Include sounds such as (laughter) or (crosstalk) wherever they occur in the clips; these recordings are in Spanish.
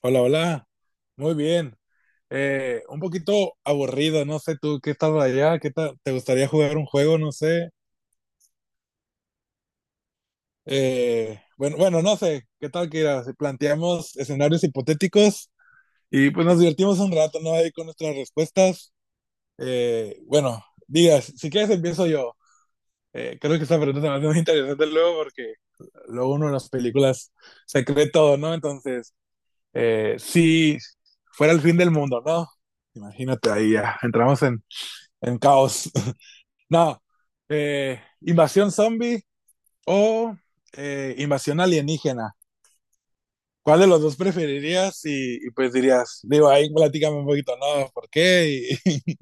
Hola, hola. Muy bien. Un poquito aburrido, no sé tú qué estás allá, qué tal, te gustaría jugar un juego, no sé. Bueno, bueno, no sé, qué tal que era, si planteamos escenarios hipotéticos y pues nos divertimos un rato, ¿no? Ahí con nuestras respuestas. Bueno, digas, si quieres empiezo yo. Creo que esta pregunta me hace muy interesante luego porque luego uno en las películas se cree todo, ¿no? Entonces, si fuera el fin del mundo, ¿no? Imagínate ahí, ya entramos en caos. (laughs) No, invasión zombie o invasión alienígena. ¿Cuál de los dos preferirías? Y pues dirías, digo, ahí platícame un poquito, no, ¿por qué?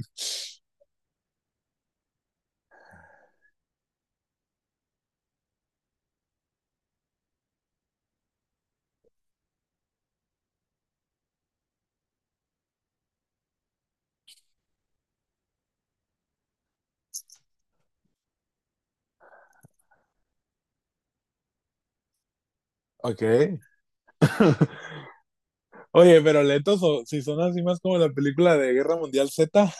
(laughs) Ok. Oye, pero lentos, o si son así más como la película de Guerra Mundial Z,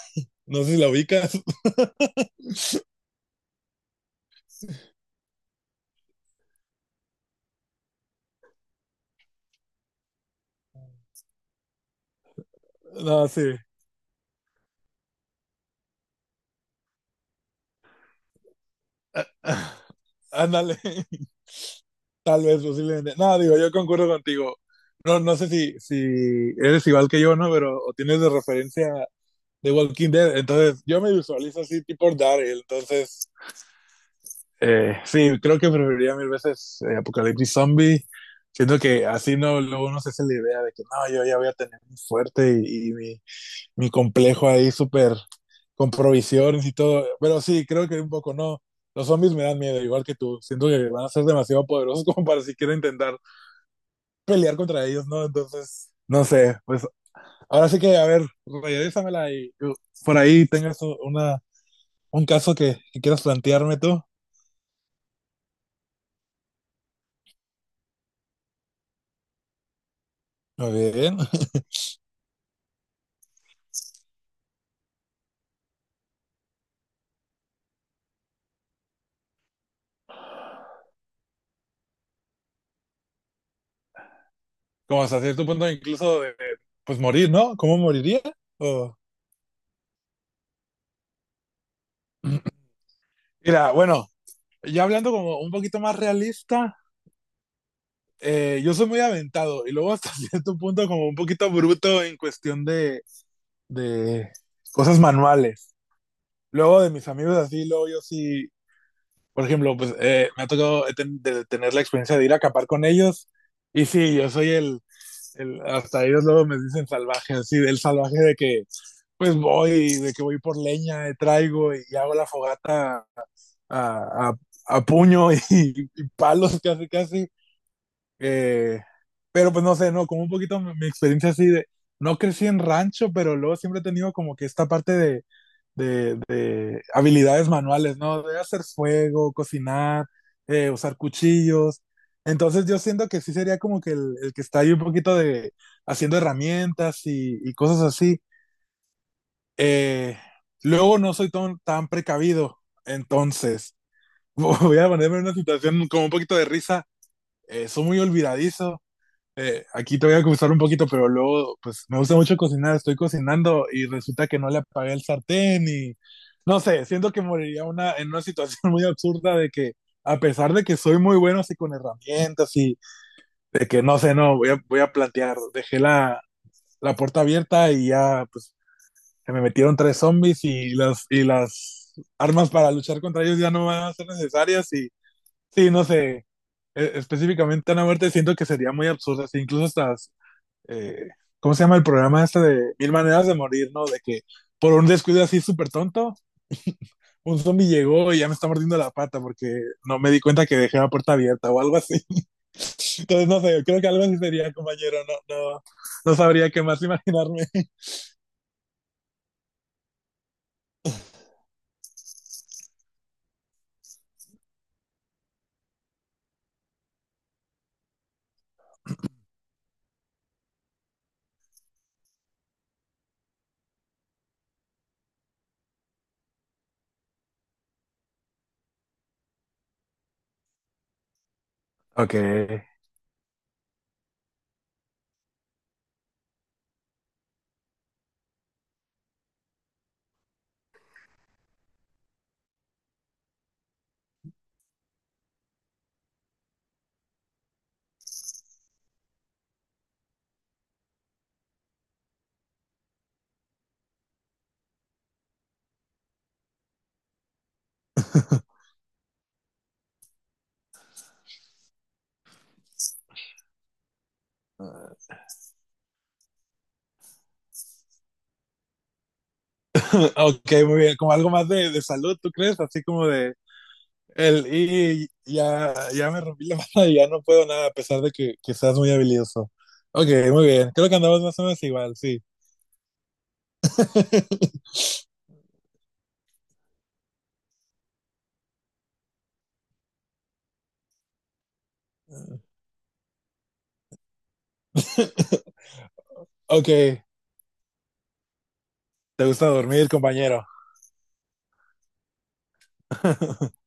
no sé si la ubicas. (laughs) No, sí. (laughs) Ándale. Tal vez, posiblemente. No, digo, yo concuerdo contigo. No, no sé si eres igual que yo, ¿no? Pero o tienes de referencia de Walking Dead. Entonces, yo me visualizo así, tipo Daryl. Entonces, sí, creo que preferiría mil veces Apocalipsis Zombie. Siento que así no, luego no se hace la idea de que no, yo ya voy a tener mi fuerte y mi complejo ahí súper con provisiones y todo. Pero sí, creo que un poco no. Los zombies me dan miedo, igual que tú. Siento que van a ser demasiado poderosos (laughs) como para siquiera intentar pelear contra ellos, ¿no? Entonces, no sé, pues ahora sí que, a ver, regresamela y por ahí tengas un caso que quieras plantearme tú. Muy bien. (laughs) Como hasta cierto punto incluso pues morir, ¿no? ¿Cómo moriría? O... (clears throat) Mira, bueno, ya hablando como un poquito más realista, yo soy muy aventado y luego hasta (laughs) cierto punto como un poquito bruto en cuestión de cosas manuales. Luego de mis amigos así, luego yo sí. Por ejemplo, pues me ha tocado de tener la experiencia de ir a acampar con ellos. Y sí, yo soy hasta ellos luego me dicen salvaje, así, del salvaje de que pues voy, de que voy por leña, traigo y hago la fogata a, a- a puño (laughs) y palos casi casi. Eh, pero pues no sé, no, como un poquito mi experiencia así de, no crecí en rancho, pero luego siempre he tenido como que esta parte de, de habilidades manuales, ¿no? De hacer fuego, cocinar, usar cuchillos. Entonces yo siento que sí sería como que el que está ahí un poquito de haciendo herramientas y cosas así. Eh, Luego no soy tan precavido, entonces (laughs) voy a ponerme en una situación como un poquito de risa. Soy muy olvidadizo, aquí te voy a gustar un poquito, pero luego, pues me gusta mucho cocinar, estoy cocinando y resulta que no le apagué el sartén y no sé, siento que moriría en una situación (laughs) muy absurda de que a pesar de que soy muy bueno así con herramientas y de que no sé, no, voy a plantear, dejé la puerta abierta y ya, pues se me metieron tres zombies y y las armas para luchar contra ellos ya no van a ser necesarias y sí, no sé, específicamente una muerte siento que sería muy absurda, así, incluso hasta eh, ¿cómo se llama el programa este de Mil Maneras de Morir, ¿no? De que por un descuido así súper tonto, un zombie llegó y ya me está mordiendo la pata porque no me di cuenta que dejé la puerta abierta o algo así. (laughs) Entonces, no sé, creo que algo así sería, compañero, no, no, no sabría qué más imaginarme. Ok. (laughs) Ok, muy bien, como algo más de, salud, ¿tú crees? Así como de, el, y ya, ya me rompí la (laughs) mano y ya no puedo nada, a pesar de que seas muy habilidoso. Ok, muy bien. Creo que andamos más o menos igual, sí. (laughs) (laughs) Ok, te gusta dormir, compañero. (laughs)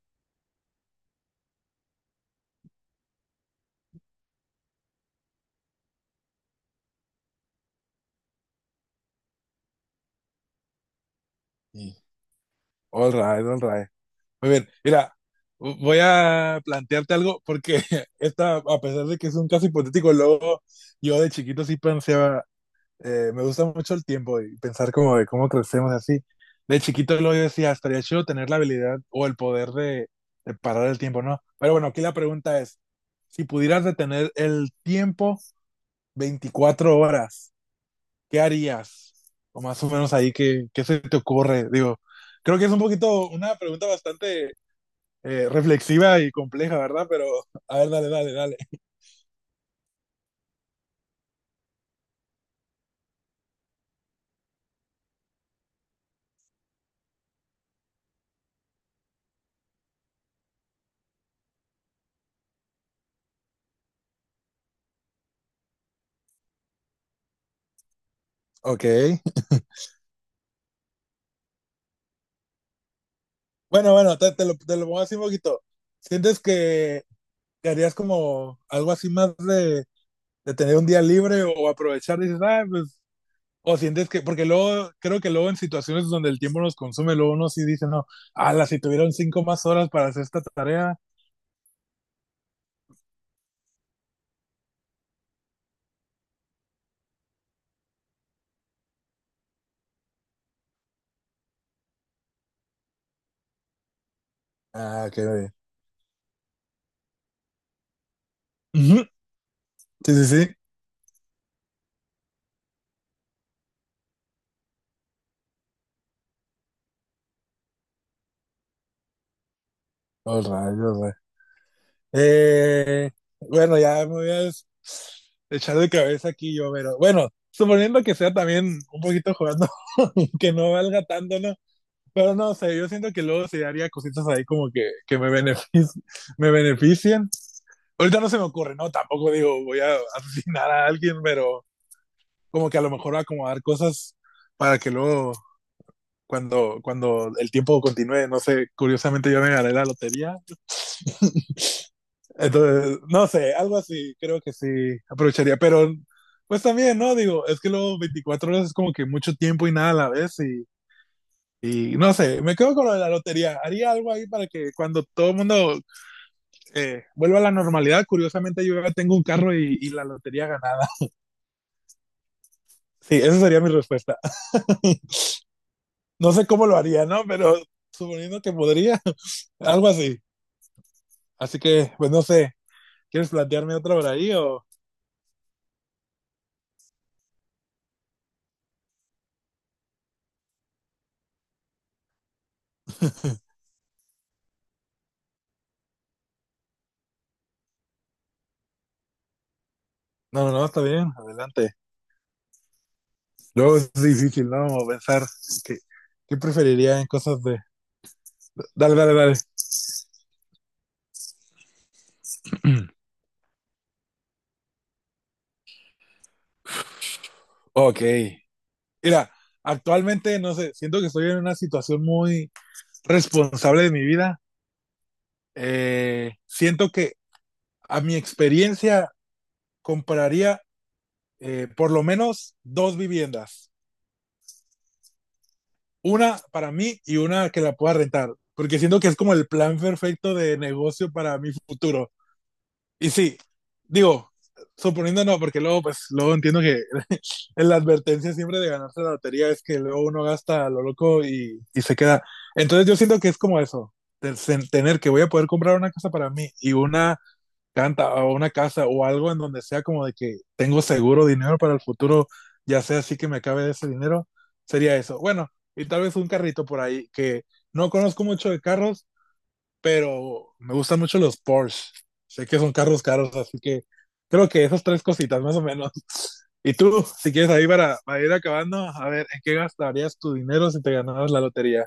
Y, All right, all right. Muy bien, mira, voy a plantearte algo porque (laughs) esta, a pesar de que es un caso hipotético, luego yo de chiquito sí pensaba, me gusta mucho el tiempo y pensar como de cómo crecemos así. De chiquito luego yo decía, estaría chido tener la habilidad o el poder de, parar el tiempo, ¿no? Pero bueno, aquí la pregunta es, si pudieras detener el tiempo 24 horas, ¿qué harías? O más o menos ahí, ¿qué se te ocurre? Digo, creo que es un poquito una pregunta bastante reflexiva y compleja, ¿verdad? Pero, a ver, dale, dale, dale. Ok. Bueno, bueno, te lo pongo así un poquito. ¿Sientes que, harías como algo así más de tener un día libre o aprovechar? Dices, ah, pues, o sientes que, porque luego, creo que luego en situaciones donde el tiempo nos consume, luego uno sí dice, no, ala, si tuvieron cinco más horas para hacer esta tarea. Ah, qué bien. Ujú, sí, sí, sí. Oh, rayos, güey. Eh, bueno, ya me voy a echar de cabeza aquí yo, pero bueno, suponiendo que sea también un poquito jugando, (laughs) que no valga tanto, ¿no? Pero no sé, yo siento que luego se haría cositas ahí como que me beneficien, me beneficien. Ahorita no se me ocurre, ¿no? Tampoco digo voy a asesinar a alguien, pero como que a lo mejor acomodar cosas para que luego, cuando el tiempo continúe, no sé, curiosamente yo me gané la lotería. Entonces, no sé, algo así, creo que sí aprovecharía, pero pues también, ¿no? Digo, es que luego 24 horas es como que mucho tiempo y nada a la vez y no sé, me quedo con lo de la lotería. Haría algo ahí para que cuando todo el mundo vuelva a la normalidad, curiosamente yo ya tengo un carro y la lotería ganada. (laughs) Sí, esa sería mi respuesta. (laughs) No sé cómo lo haría, ¿no? Pero suponiendo que podría, (laughs) algo así. Así que, pues no sé, ¿quieres plantearme otra por ahí o...? No, no, está bien, adelante. Luego es difícil, ¿no? Como pensar que, qué preferiría en cosas de... Dale, dale, dale. (clears throat) Ok. Mira, actualmente, no sé, siento que estoy en una situación muy responsable de mi vida. Siento que a mi experiencia compraría por lo menos dos viviendas. Una para mí y una que la pueda rentar. Porque siento que es como el plan perfecto de negocio para mi futuro. Y sí, digo, suponiendo no, porque luego, pues, luego entiendo que (laughs) la advertencia siempre de ganarse la lotería es que luego uno gasta a lo loco y se queda. Entonces yo siento que es como eso, el tener que voy a poder comprar una casa para mí y una canta o una casa o algo en donde sea como de que tengo seguro dinero para el futuro, ya sea así que me cabe ese dinero, sería eso. Bueno, y tal vez un carrito por ahí que no conozco mucho de carros, pero me gustan mucho los Porsche. Sé que son carros caros, así que creo que esas tres cositas más o menos. (laughs) Y tú, si quieres ahí para ir acabando, a ver, ¿en qué gastarías tu dinero si te ganabas la lotería?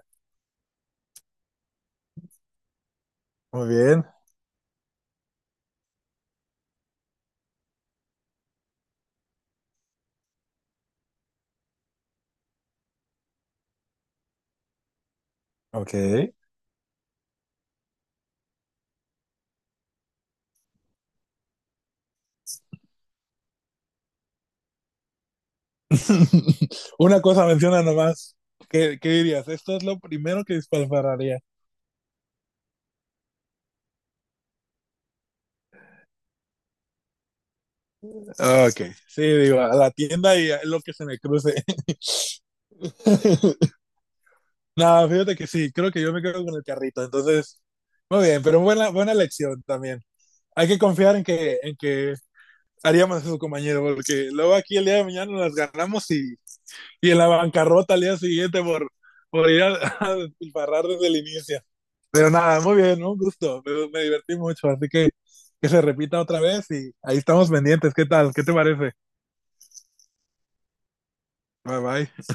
Muy bien, ok. (laughs) Una cosa menciona nomás. ¿Qué dirías? Esto es lo primero que dispararía. Ok, sí, digo, a la tienda y a lo que se me cruce. (laughs) No fíjate que sí, creo que yo me quedo con el carrito, entonces, muy bien, pero buena, buena elección también. Hay que confiar en que haríamos eso, compañero, porque luego aquí el día de mañana nos las ganamos y en la bancarrota al día siguiente por, ir a, (laughs) a despilfarrar desde el inicio. Pero nada, muy bien, ¿no? Un gusto, me divertí mucho, así que se repita otra vez y ahí estamos pendientes. ¿Qué tal? ¿Qué te parece? Bye bye.